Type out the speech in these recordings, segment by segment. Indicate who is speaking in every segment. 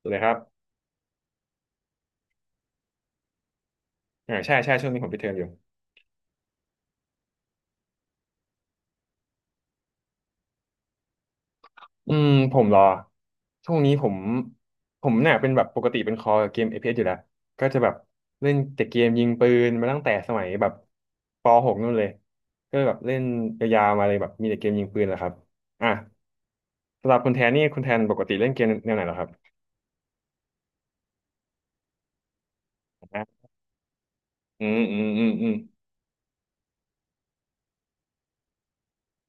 Speaker 1: สวัสดีครับใช่ใช่ช่วงนี้ผมปิดเทอมอยู่ผมรอช่วงนี้ผมเนี่ยเป็นแบบปกติเป็นคอเกมเอพ p s อสอยู่แล้วก็จะแบบเล่นแต่เกมยิงปืนมาตั้งแต่สมัยแบบป .6 นู่นเลยก็แบบเล่นยาวๆมาเลยแบบมีแต่เกมยิงปืนแหละครับอ่ะสำหรับคุณแทนนี่คุณแทนปกติเล่นเกมแนวไหนเหรอครับอ่ะอืมอืมอืมอืม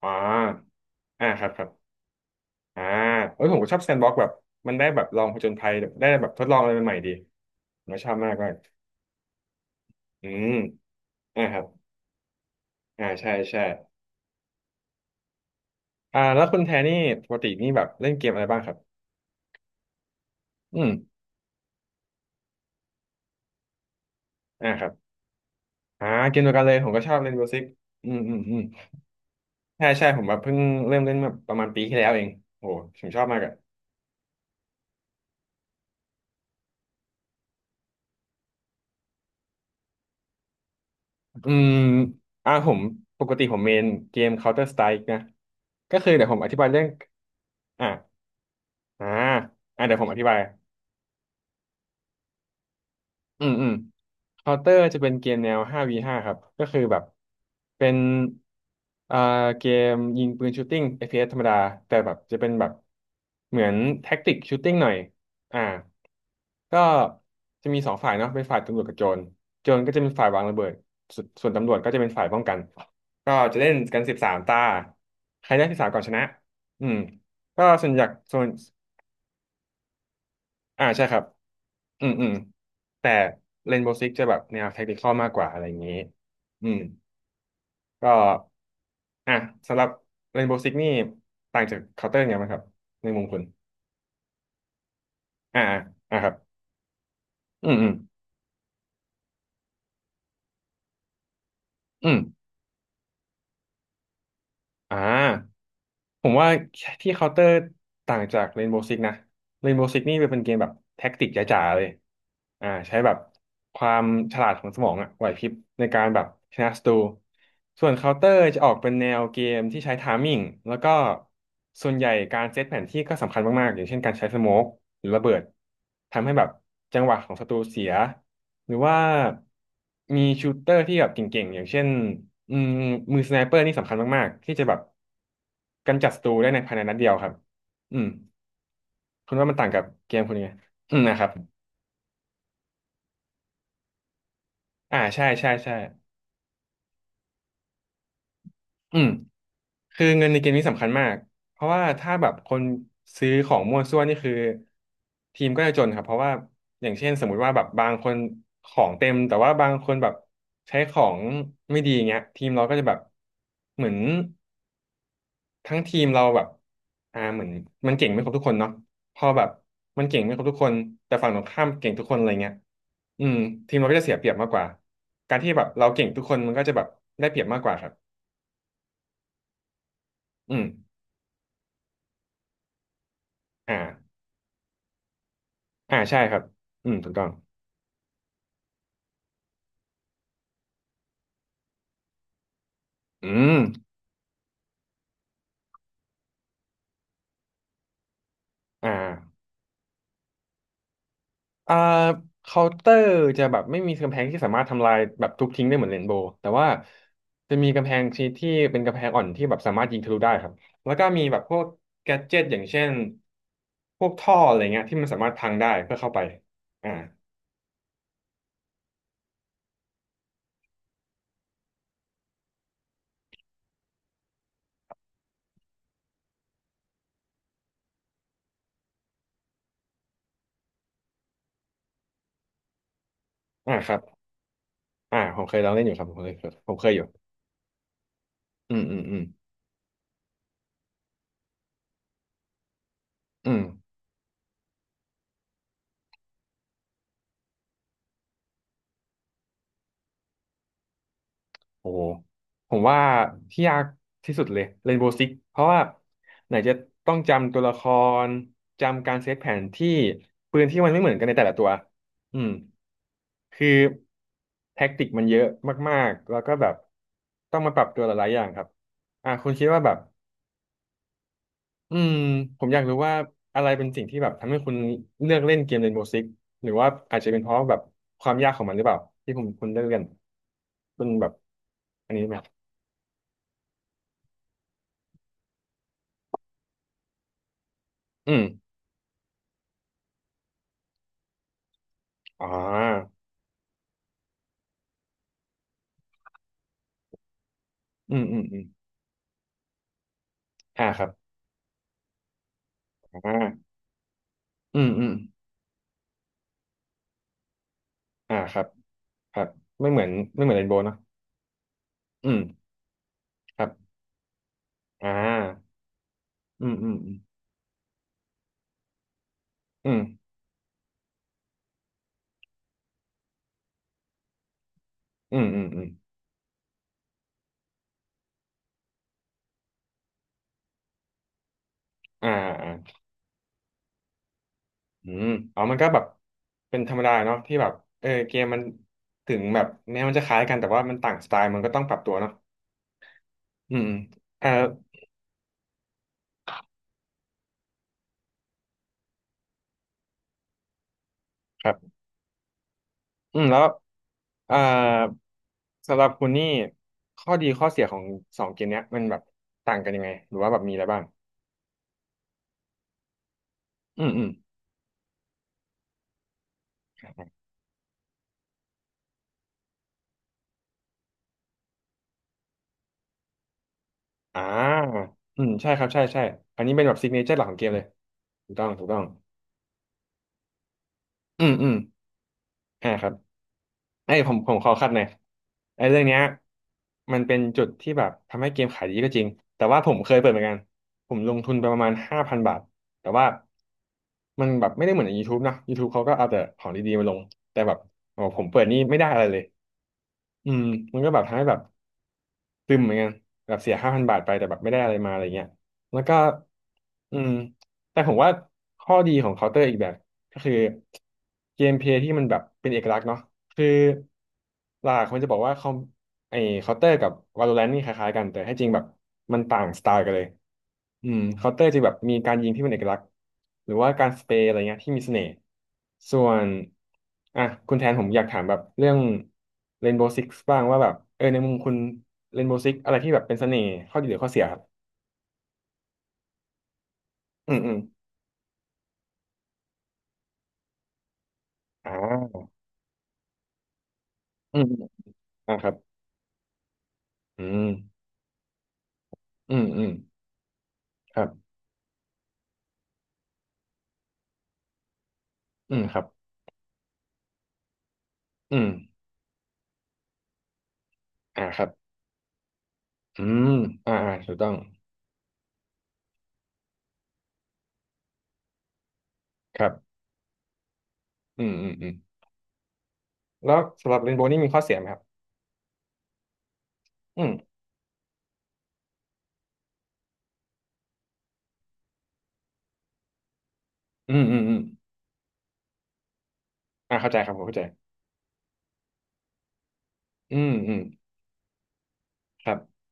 Speaker 1: อ่าอ่าครับครับอ่าเอ้ยผมก็ชอบแซนด์บ็อกซ์แบบมันได้แบบลองผจญภัยได้แบบทดลองอะไรใหม่ๆดีผมก็ชอบมากเลยอืม อ่าครับใช่ใช่แล้วคุณแทนนี่ปกตินี่แบบเล่นเกมอะไรบ้างครับอืมอ่าครับเกมเดียวกันเลยผมก็ชอบเล่น Rainbow Six อืมอืมอืมใช่ใช่ผมแบบเพิ่งเริ่มเล่นมาประมาณปีที่แล้วเองโหผมชอบมากอะอืมอ่าผมผมเมนเกม Counter Strike นะ ก็คือเดี๋ยวผมอธิบายเรื่องอ่าอ่าเดี๋ยวผมอธิบาย อืมอืมเคาน์เตอร์จะเป็นเกมแนว 5v5 ครับก็คือแบบเป็นอ่าเกมยิงปืนชูตติ้ง f อ s ธรรมดาแต่แบบจะเป็นแบบเหมือนแท็กติกชูตติ้งหน่อยอ่าก็จะมีสองฝ่ายเนาะเป็นฝ่ายตำรวจกับโจรโจรก็จะเป็นฝ่ายวางระเบิดสวนส่วนตำรวจก็จะเป็นฝ่ายป้องกันก็จะเล่นกัน13 ตาใครได้สิบสามก่อนชนะอืมก็ส่วนใหญ่ส่วนใช่ครับ อืมอืมแต่เรนโบว์ซิกจะแบบแนวแทคติคอลมากกว่าอะไรอย่างนี้อืมก็อ่ะสำหรับเรนโบว์ซิกนี่ต่างจากเคาน์เตอร์ไงบ้างครับในมุมคุณอ่าอ่าครับอืมอืมอืม อ่าผมว่าที่เคาน์เตอร์ต่างจากเรนโบว์ซิกนะเรนโบว์ซิกนี่เป็นเกมแบบแท็กติกจ๋าๆเลยใช้แบบความฉลาดของสมองอะไหวพริบในการแบบชนะศัตรูส่วนเคาน์เตอร์จะออกเป็นแนวเกมที่ใช้ไทมิ่งแล้วก็ส่วนใหญ่การเซตแผนที่ก็สำคัญมากๆอย่างเช่นการใช้สโมกหรือระเบิดทำให้แบบจังหวะของศัตรูเสีย หรือว่ามีชูตเตอร์ที่แบบเก่งๆอย่างเช่นอืมมือสไนเปอร์นี่สำคัญมากๆที่จะแบบกำจัดศัตรูได้ในภายในนัดเดียวครับอืมคุณว่ามันต่างกับเกมคุณยังไงอืมนะครับอ่าใช่ใช่ใช่อืมคือเงินในเกมนี้สำคัญมากเพราะว่าถ้าแบบคนซื้อของมั่วซั่วนี่คือทีมก็จะจนครับเพราะว่าอย่างเช่นสมมุติว่าแบบบางคนของเต็มแต่ว่าบางคนแบบใช้ของไม่ดีอย่างเงี้ยทีมเราก็จะแบบเหมือน ทั้งทีมเราแบบเหมือนมันเก่งไม่ครบทุกคนเนาะพอแบบมันเก่งไม่ครบทุกคนแต่ฝั่งตรงข้ามเก่งทุกคนอะไรเงี้ยอืมทีมเราก็จะเสียเปรียบมากกว่าการที่แบบเราเก่งทุกคนมันก็จะแบบได้เปรียบมากกว่าครับอืมอ่าอ่าใช่ครับอืมถูกต้องอืมอ่า อ่าเคาน์เตอร์จะแบบไม่มีกำแพงที่สามารถทำลายแบบทุบทิ้งได้เหมือนเรนโบว์แต่ว่าจะมีกำแพงชนิดที่เป็นกำแพงอ่อนที่แบบสามารถยิงทะลุได้ครับแล้วก็มีแบบพวกแกดเจ็ตอย่างเช่นพวกท่ออะไรเงี้ยที่มันสามารถพังได้เพื่อเข้าไปอ่าอ่าครับผมเคยลองเล่นอยู่ครับผมเคยผมเคยอยู่อืมอืมอืมอืม โอ้โหผมว่าที่ยากที่สุดเลยเรนโบว์ซิกเพราะว่าไหนจะต้องจำตัวละครจำการเซตแผนที่ปืนที่มันไม่เหมือนกันในแต่ละตัวอืมคือแท็กติกมันเยอะมากๆแล้วก็แบบต้องมาปรับตัวหลายๆอย่างครับคุณคิดว่าแบบอืมผมอยากรู้ว่าอะไรเป็นสิ่งที่แบบทำให้คุณเลือกเล่นเกมเรนโบ o ์ซิกหรือว่าอาจจะเป็นเพราะแบบความยากของมันหรือเปล่าที่ผมคุณเลือกเล่นเป็นแบบอันนี้ไหมอืม อ่าอืมอืมอืมอ่าครับอ่าอืมอืมอ่าครับครับไม่เหมือนไม่เหมือนเรนโบว์เนาะอืมครับอ่าอืมอืมอืมอืมอืมอืมอืมอ่าอ่าอืมอ๋อมันก็แบบเป็นธรรมดาเนาะที่แบบเออเกมมันถึงแบบแม้มันจะคล้ายกันแต่ว่ามันต่างสไตล์มันก็ต้องปรับตัวเนาะอืมอืมอ่าครับอืมแล้วอ่าสำหรับคุณนี่ข้อดีข้อเสียของสองเกมเนี้ยมันแบบต่างกันยังไงหรือว่าแบบมีอะไรบ้างอืมอืม อ่าอืมใช่ครับใช่ใช่อันนี้เป็นแบบซิกเนเจอร์หลักของเกมเลยถูกต้องถูกต้องอืมอืมอ่าครับไอ้ยผมขอคัดหน่อยไอ้เรื่องเนี้ยมันเป็นจุดที่แบบทำให้เกมขายดีก็จริง แต่ว่าผมเคยเปิดเหมือนกัน ผมลงทุนไปประมาณ5,000 บาท แต่ว่า มันแบบไม่ได้เหมือนใน YouTube นะ YouTube เขาก็เอาแต่ของดีๆมาลง แต่แบบโอ้ผมเปิดนี่ไม่ได้อะไรเลยอืมมันก็แบบทำให้แบบ ตึมเหมือนกันแบบเสียห้าพันบาทไปแต่แบบไม่ได้อะไรมาอะไรเงี้ยแล้วก็อืมแต่ผมว่าข้อดีของเคาน์เตอร์อีกแบบก็คือเกมเพลย์ที่มันแบบเป็นเอกลักษณ์เนาะคือหลักคนจะบอกว่าคอม ไอ้เคาน์เตอร์กับ Valorant นี่คล้ายๆกันแต่ให้จริงแบบมันต่างสไตล์กันเลยอืมเคาน์เตอร์จะแบบมีการยิงที่เป็นเอกลักษณ์หรือว่าการสเปรย์อะไรเงี้ยที่มีเสน่ห์ส่วนอ่ะคุณแทนผมอยากถามแบบเรื่อง Rainbow Six บ้างว่าแบบเออในมุมคุณ Rainbow Six อะไรที่แบบเป็นเสน่ห์ข้อดีหรือข้อเสียครับอืมอืมอ่าอืมอมอ่าครับอืมอืมอืมครับอืมครับอืมอ่าครับอืมอ่าอ่าถูกต้องครับอืมอืมอืม แล้วสำหรับเรนโบว์นี่มีข้อเสียไหมครับอืมอืมอืมอืมอ่าเข้าใจครับผมเข้าใจอืมอืมครับ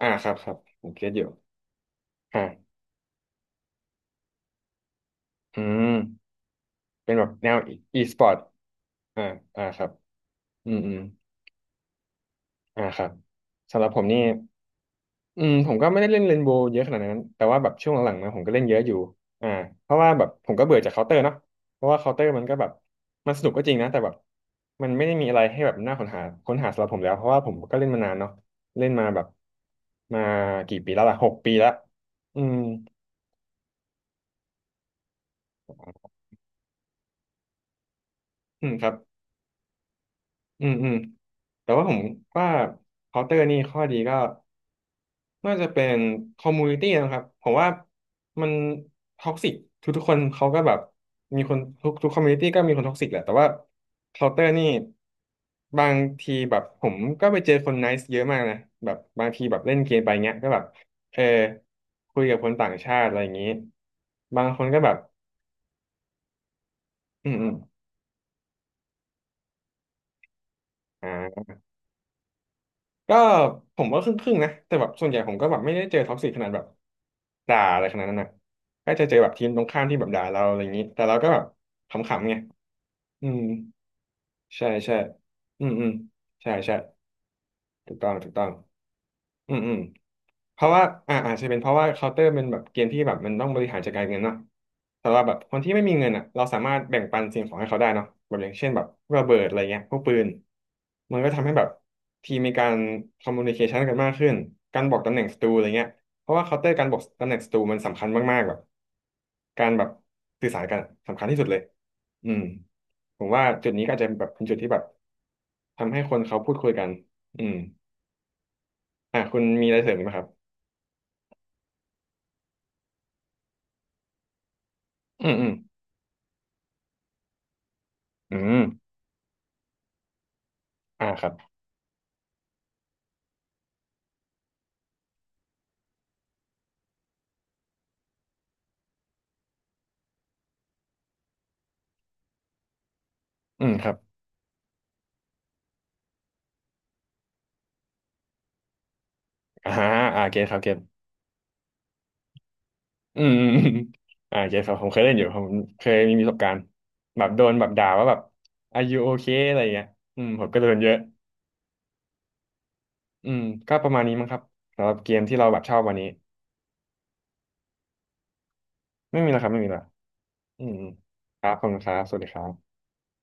Speaker 1: อ่าครับครับผมเก็ตอยู่อ่าอืมเป็นแบบแนว e-sport อ่าอ่าครับอืมอืมอ่าครับสำหรับผมนี่ อืมผมก็ไม่ได้เล่นเรนโบว์เยอะขนาดนั้นแต่ว่าแบบช่วงหลังๆนะผมก็เล่นเยอะอยู่อ่าเพราะว่าแบบผมก็เบื่อจากเคาน์เตอร์เนาะเพราะว่าเคาน์เตอร์มันก็แบบมันสนุกก็จริงนะแต่แบบมันไม่ได้มีอะไรให้แบบน่าค้นหาสำหรับผมแล้วเพราะว่าผมก็เล่นมานานเนาะเล่นมาแบบมากี่ปีแล้วล่ะ6 ปีแล้วอืมอืมครับอืมอืมแต่ว่าผมว่าเคาน์เตอร์นี่ข้อดีก็ น่าจะเป็นคอมมูนิตี้นะครับผมว่ามันท็อกซิกทุกๆคนเขาก็แบบมีคนทุกคอมมูนิตี้ก็มีคนท็อกซิกแหละแต่ว่าเคาน์เตอร์นี่บางทีแบบผมก็ไปเจอคนไนซ์เยอะมากนะแบบบางทีแบบเล่นเกมไปเงี้ยก็แบบเออคุยกับคนต่างชาติอะไรอย่างนี้บางคนก็แบบอืมอืมอ่า ก็ผมว่าครึ่งๆนะแต่แบบส่วนใหญ่ผมก็แบบไม่ได้เจอท็อกซิกขนาดแบบด่าอะไรขนาดนั้นนะก็จะเจอแบบทีมตรงข้ามที่แบบด่าเราอะไรอย่างนี้แต่เราก็แบบขำๆไงอืมใช่ใช่อืมอืมใช่ใช่ถูกต้องถูกต้อง อืมอืมเพราะว่าอ่าอาจจะเป็นเพราะว่าเคาน์เตอร์เป็นแบบเกมที่แบบมันต้องบริหารจัดการเงินเนาะแต่ว่าแบบคนที่ไม่มีเงินอ่ะเราสามารถแบ่งปันสิ่งของให้เขาได้เนาะแบบอย่างเช่นแบบพวกระเบิดอะไรเงี้ยพวกปืนมันก็ทำให้แบบทีมมีการคอมมูนิเคชันกันมากขึ้นการบอกตำแหน่งศัตรูอะไรเงี้ยเพราะว่าเคาน์เตอร์การบอกตำแหน่งศัตรูมันสำคัญมากๆแบบการแบบสื่อสารกันสำคัญที่สุดเลยอืมผมว่าจุดนี้ก็อาจจะแบบเป็นจุดที่แบบทำให้คนเขาพูดคุยกันอืมอ่ะคุณมีอะไรเสริมอีกไหมครับ อืมอืมอืมอ่าครับอืมครับอ่าฮะอ่าเก็ตครับเกตอืม อืมอืมอ่าเกตครับผมเคยเล่นอยู่ผมเคยมีประสบการณ์แบบโดนแบบด่าว่าแบบ are you okay อะไรเงี้ยอืมผมก็โดนเยอะอืมก็ประมาณนี้มั้งครับสำหรับเกมที่เราแบบชอบวันนี้ไม่มีแล้วครับไม่มีแล้วอืมอืมครับขอบคุณครับสวัสดีครับ